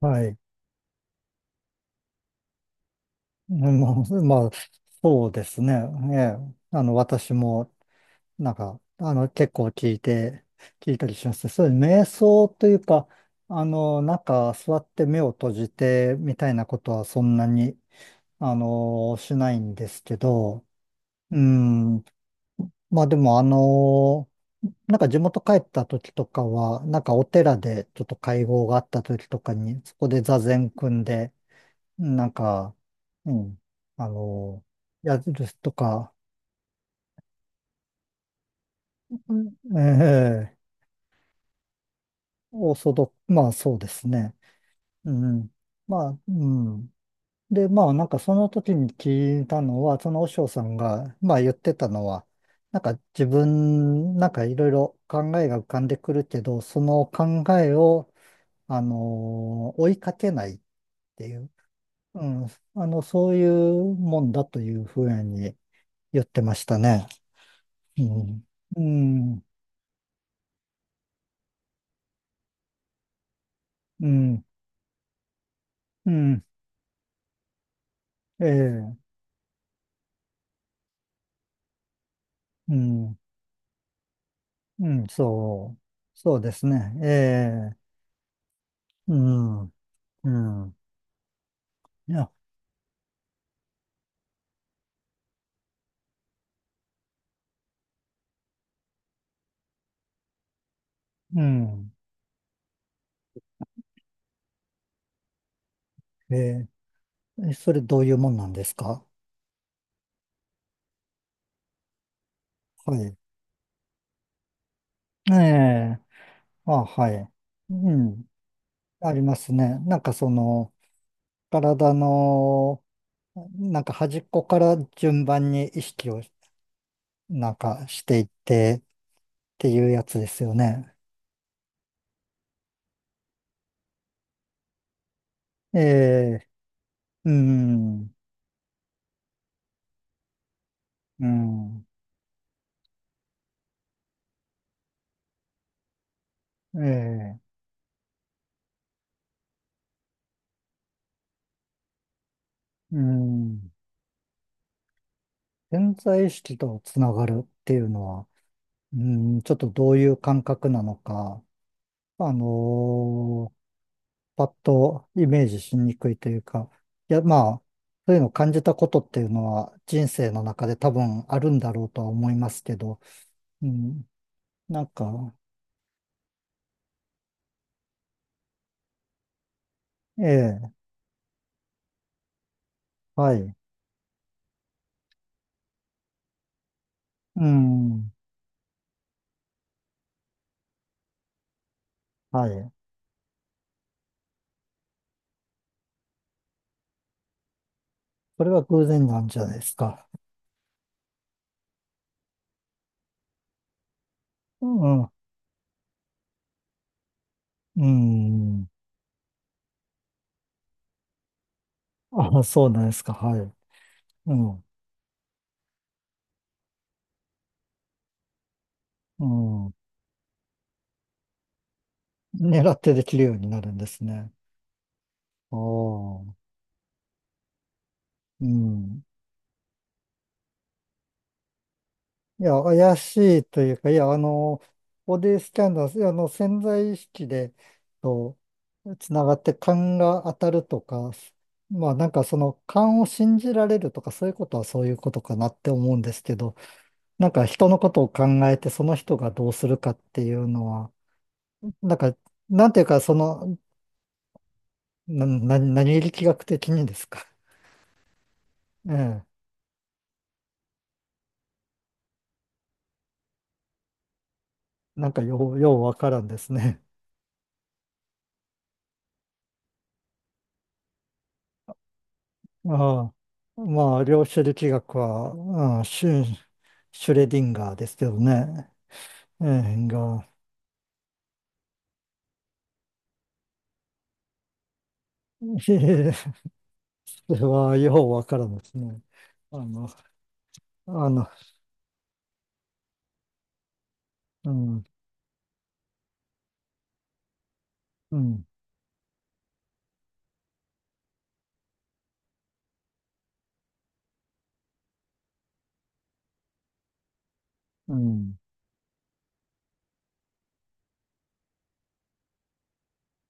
はい。まあ、まあ、そうですね。ええ。私も、なんか、結構聞いて、聞いたりします。そういう瞑想というか、なんか、座って目を閉じて、みたいなことはそんなに、しないんですけど、うん。まあ、でも、なんか地元帰った時とかは、なんかお寺でちょっと会合があった時とかに、そこで座禅組んで、なんか、うん、あの、矢印とか、うん、ええ、オーソドック、まあそうですね。うん。まあ、うん。で、まあなんかその時に聞いたのは、その和尚さんが、まあ言ってたのは、なんか自分、なんかいろいろ考えが浮かんでくるけど、その考えを、追いかけないっていう、うん、そういうもんだというふうに言ってましたね。うん、うん、うん、ええ、うん、うん、そう、そうですね、ええ、うん、うん、いや、うん、ええ、え、それどういうもんなんですか？はい。ええ、あ、はい。うん、ありますね。なんかその、体の、なんか端っこから順番に意識を、なんかしていってっていうやつですよね。ええ、うん、うん。ええ、うん。潜在意識とつながるっていうのは、うん、ちょっとどういう感覚なのか、あのーパッとイメージしにくいというか、いや、まあ、そういうのを感じたことっていうのは人生の中で多分あるんだろうとは思いますけど、うん、なんか、ええ、はい、うん、はい。それは偶然なんじゃないですか？うん、うん。あ、そうなんですか。はい。うん、うん。狙ってできるようになるんですね。ああ、うん。いや、怪しいというか、いや、ボディスキャンダル、潜在意識で、と、つながって勘が当たるとか、まあ、なんかその勘を信じられるとか、そういうことはそういうことかなって思うんですけど、なんか人のことを考えて、その人がどうするかっていうのは、なんか、なんていうか、その、何力学的にですか？ええ、なんかようわからんですね。ああ、まあ、量子力学は、うん、シュレディンガーですけどね。ええ、が、それはようわからんですね。あの、あの、うん、うん、うん、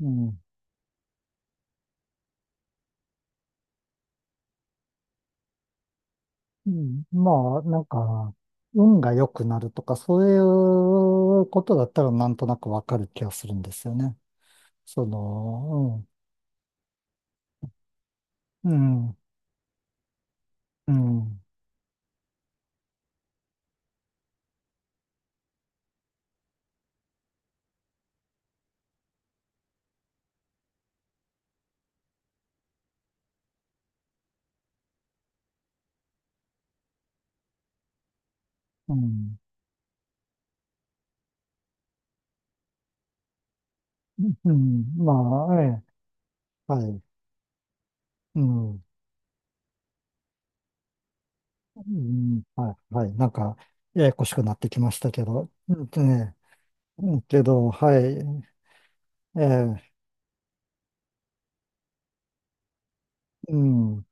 うん、うんまあ、なんか、運が良くなるとか、そういうことだったらなんとなくわかる気がするんですよね。その、うん、うん、うん、うん、うんまあ、ええ、はい、うん。うん、はい、はい。なんか、ややこしくなってきましたけど、うんけど、はい、ええ、うん、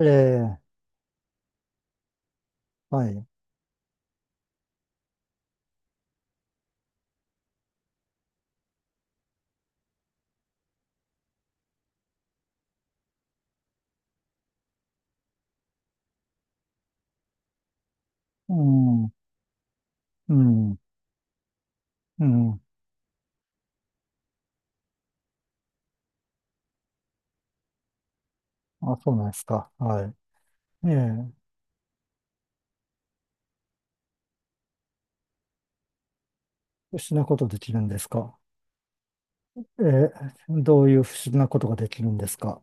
ええ、はい、うん、うん、うん、あ、そうなんですか。はい。ええ、不思議なことできるんですか？ええ、どういう不思議なことができるんですか？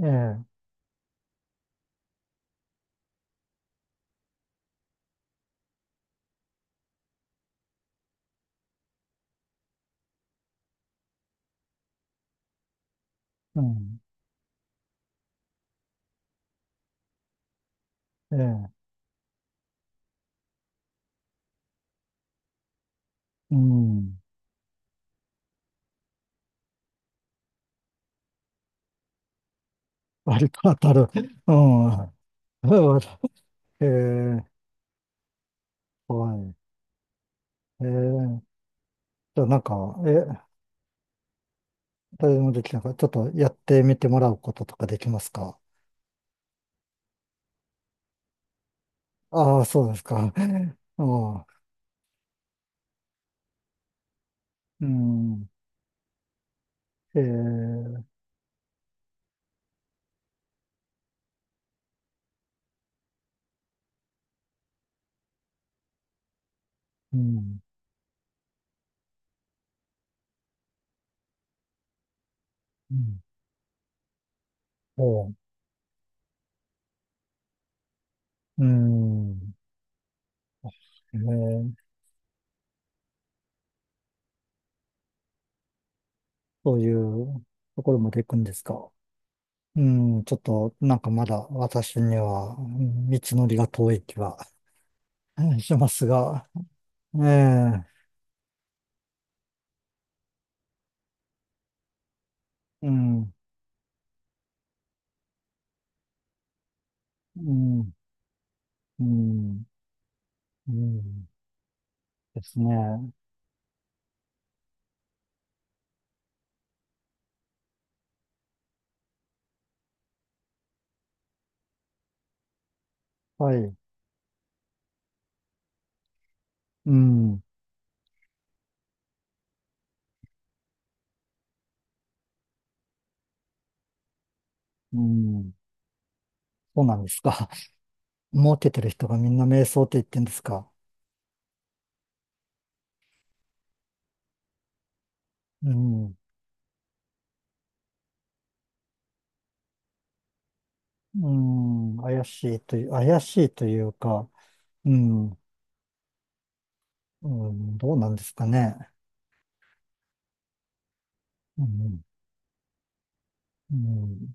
ええ、うん、ええ、うん、割と当たる。うん、えー、はい。ええ、じゃあなんか、え、誰でもできなかった。ちょっとやってみてもらうこととかできますか？ああ、そうですか。ああ、うん。えー、うん。うん。おう、うん。えー、そういうところまで行くんですか？うん。ちょっと、なんかまだ私には、うん道のりが遠い気はうんしますが、ええ、うん。うん。うん。うん。ですね。はい。うん。うん。そうなんですか。儲けてる人がみんな瞑想って言ってんですか？うん。うん。怪しいというか、うん。うん。どうなんですかね。うん。うん。